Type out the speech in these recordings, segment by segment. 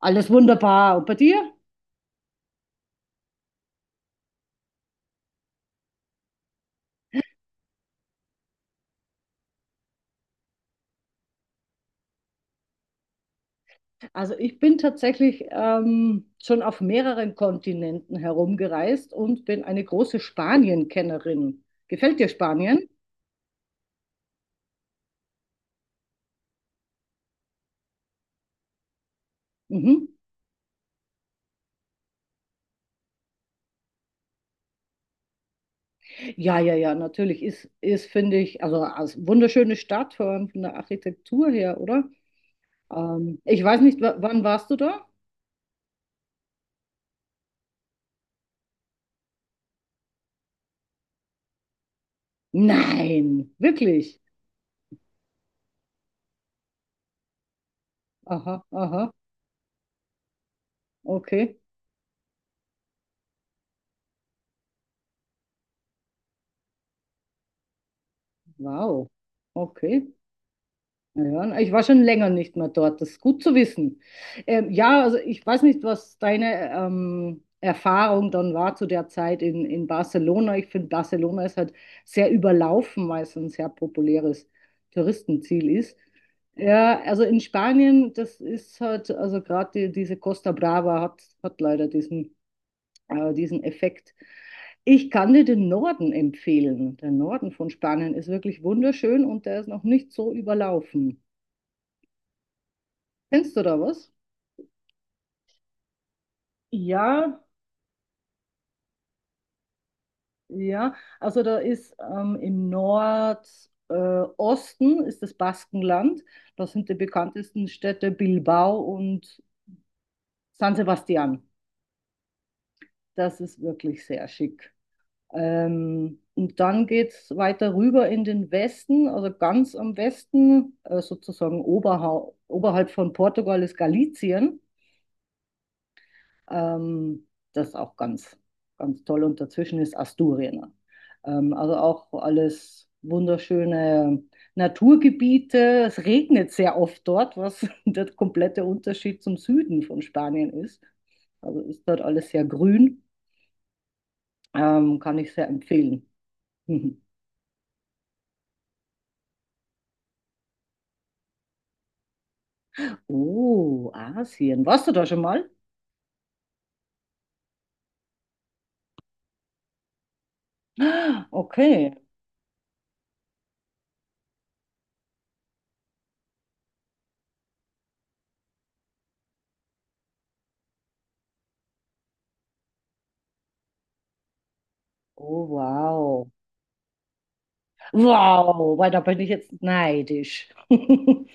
Alles wunderbar. Und bei dir? Also ich bin tatsächlich schon auf mehreren Kontinenten herumgereist und bin eine große Spanien-Kennerin. Gefällt dir Spanien? Mhm. Ja, ja, ja, natürlich ist finde ich, also als wunderschöne Stadt von der Architektur her, oder? Ich weiß nicht, wann warst du da? Nein, wirklich. Aha, aha, okay, wow, okay. Ja, ich war schon länger nicht mehr dort, das ist gut zu wissen. Ja, also ich weiß nicht, was deine Erfahrung dann war zu der Zeit in Barcelona. Ich finde, Barcelona ist halt sehr überlaufen, weil es ein sehr populäres Touristenziel ist. Ja, also in Spanien, das ist halt, also gerade diese Costa Brava hat leider diesen Effekt. Ich kann dir den Norden empfehlen. Der Norden von Spanien ist wirklich wunderschön und der ist noch nicht so überlaufen. Kennst du da was? Ja, ja. Also da ist im Nordosten Osten ist das Baskenland. Das sind die bekanntesten Städte Bilbao und San Sebastian. Das ist wirklich sehr schick. Und dann geht es weiter rüber in den Westen, also ganz am Westen, sozusagen oberhalb von Portugal ist Galicien. Ähm, das ist auch ganz, ganz toll. Und dazwischen ist Asturien. Also auch alles wunderschöne Naturgebiete. Es regnet sehr oft dort, was der komplette Unterschied zum Süden von Spanien ist. Also ist dort alles sehr grün. Kann ich sehr empfehlen. Oh, Asien. Warst du da schon mal? Ah, okay. Oh, wow. Wow, weil da bin ich jetzt neidisch.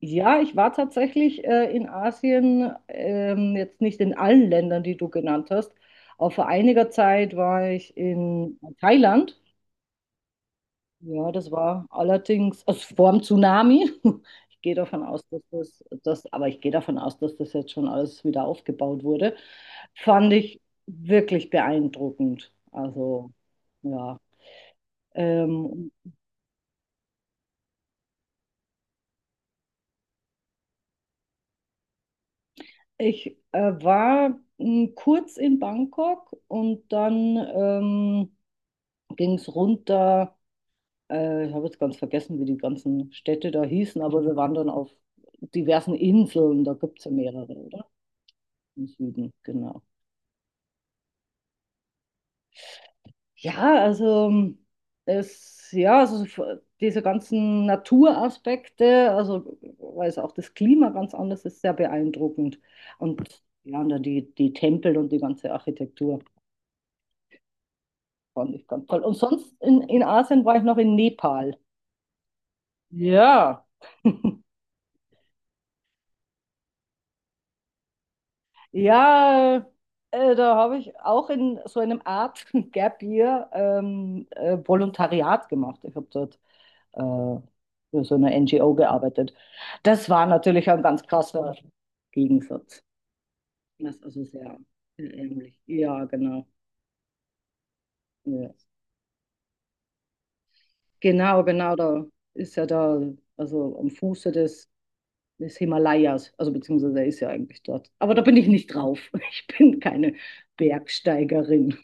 Ja, ich war tatsächlich in Asien, jetzt nicht in allen Ländern, die du genannt hast, aber vor einiger Zeit war ich in Thailand. Ja, das war allerdings also vor dem Tsunami. Ich gehe davon aus, dass das, das, aber ich gehe davon aus, dass das jetzt schon alles wieder aufgebaut wurde. Fand ich wirklich beeindruckend. Also, ja. Ähm, ich kurz in Bangkok und dann ging es runter. Ich habe jetzt ganz vergessen, wie die ganzen Städte da hießen, aber wir waren dann auf diversen Inseln. Da gibt es ja mehrere, oder? Im Süden, genau. Ja, also diese ganzen Naturaspekte, also weil es auch das Klima ganz anders ist, sehr beeindruckend. Und ja, und dann die Tempel und die ganze Architektur fand ich ganz toll. Und sonst in Asien war ich noch in Nepal. Ja. Ja, da habe ich auch in so einem Art Gap Year Volontariat gemacht. Ich habe dort äh, für so eine NGO gearbeitet. Das war natürlich ein ganz krasser Gegensatz. Das ist also sehr, sehr ähnlich. Ja, genau. Ja. Genau, genau, da ist ja da, also am Fuße des Himalayas, also beziehungsweise er ist ja eigentlich dort. Aber da bin ich nicht drauf. Ich bin keine Bergsteigerin.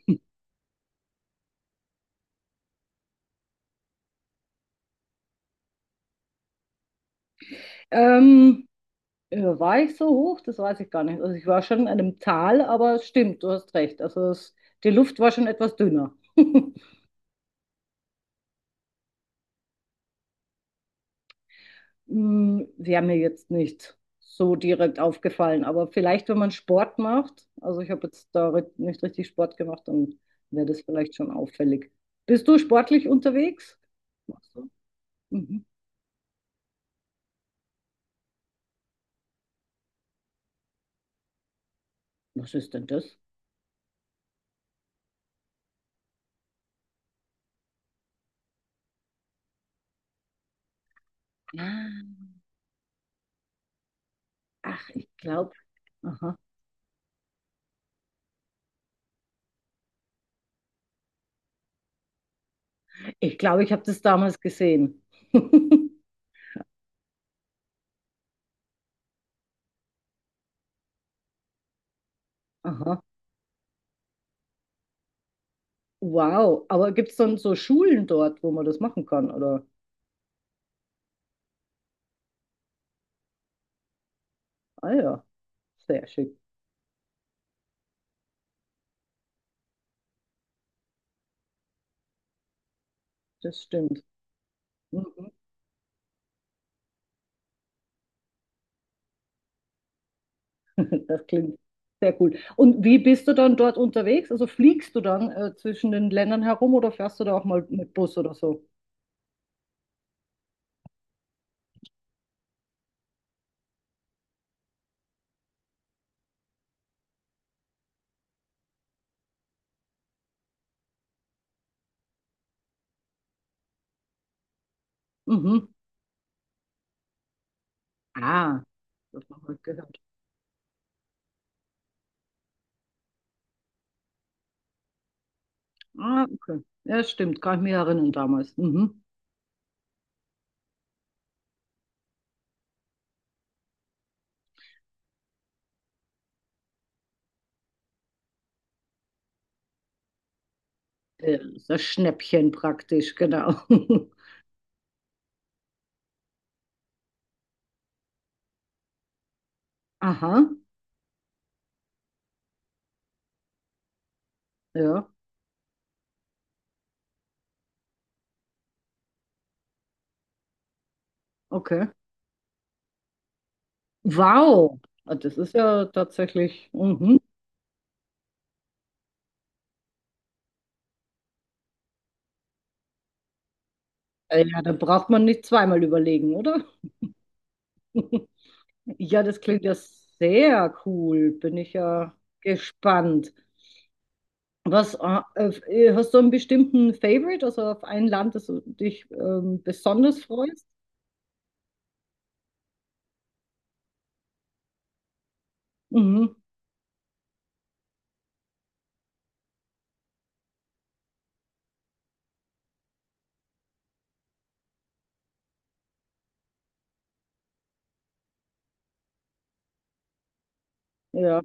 Ähm, War ich so hoch? Das weiß ich gar nicht. Also ich war schon in einem Tal, aber es stimmt, du hast recht. Also es, die Luft war schon etwas dünner. Hm, wäre mir jetzt nicht so direkt aufgefallen, aber vielleicht, wenn man Sport macht, also ich habe jetzt nicht richtig Sport gemacht, dann wäre das vielleicht schon auffällig. Bist du sportlich unterwegs? Machst du? Mhm. Was ist denn das? Ah, ach, ich glaube, aha. Ich glaube, ich habe das damals gesehen. Aha. Wow, aber gibt es dann so Schulen dort, wo man das machen kann, oder? Ah ja, sehr schick, das stimmt. Mhm. Das klingt sehr cool. Und wie bist du dann dort unterwegs? Also fliegst du dann zwischen den Ländern herum oder fährst du da auch mal mit Bus oder so? Mhm. Ah, das haben wir gehört. Ah, okay. Ja, stimmt, kann ich mich erinnern damals. Mhm. Äh, Das Schnäppchen praktisch, genau. Aha, ja, okay. Wow, ah, das ist ja tatsächlich. Mhm. Ja, da braucht man nicht zweimal überlegen, oder? Ja, das klingt ja sehr cool. Bin ich ja gespannt. Hast du einen bestimmten Favorite, also auf ein Land, das du dich besonders freust? Mhm, ja.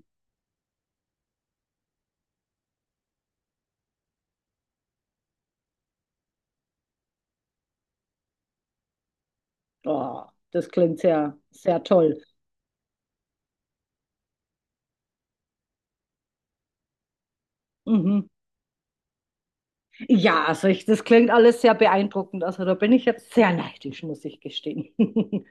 Oh, das klingt sehr, sehr toll. Mhm. Ja, also ich, das klingt alles sehr beeindruckend. Also da bin ich jetzt sehr neidisch, muss ich gestehen.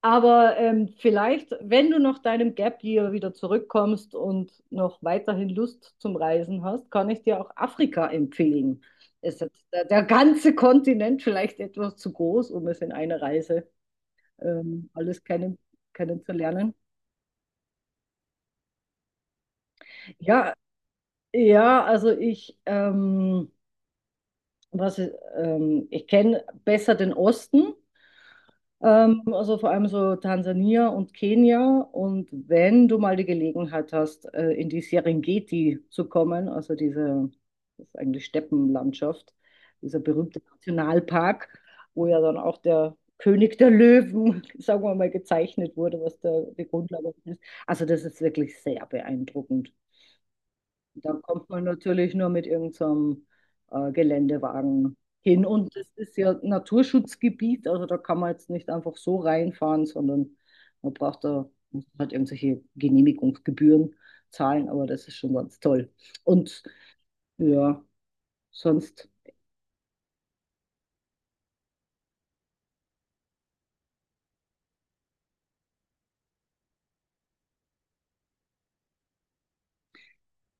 Aber vielleicht, wenn du nach deinem Gap Year wieder zurückkommst und noch weiterhin Lust zum Reisen hast, kann ich dir auch Afrika empfehlen. Es ist der ganze Kontinent vielleicht etwas zu groß, um es in einer Reise ähm, alles kennen, kennenzulernen. Ja, ja, was, ich kenne besser den Osten. Also vor allem so Tansania und Kenia. Und wenn du mal die Gelegenheit hast, in die Serengeti zu kommen, also diese, das ist eigentlich Steppenlandschaft, dieser berühmte Nationalpark, wo ja dann auch der König der Löwen, sagen wir mal, gezeichnet wurde, was da die Grundlage ist. Also das ist wirklich sehr beeindruckend. Und dann kommt man natürlich nur mit irgendeinem Geländewagen hin. Und es ist ja Naturschutzgebiet, also da kann man jetzt nicht einfach so reinfahren, sondern man braucht da muss halt irgendwelche Genehmigungsgebühren zahlen, aber das ist schon ganz toll. Und ja, sonst.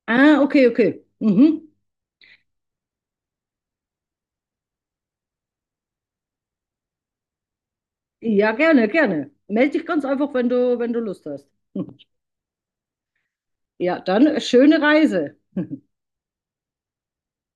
Ah, okay, okay. Mhm. Ja, gerne, gerne. Meld dich ganz einfach, wenn du Lust hast. Ja, dann schöne Reise.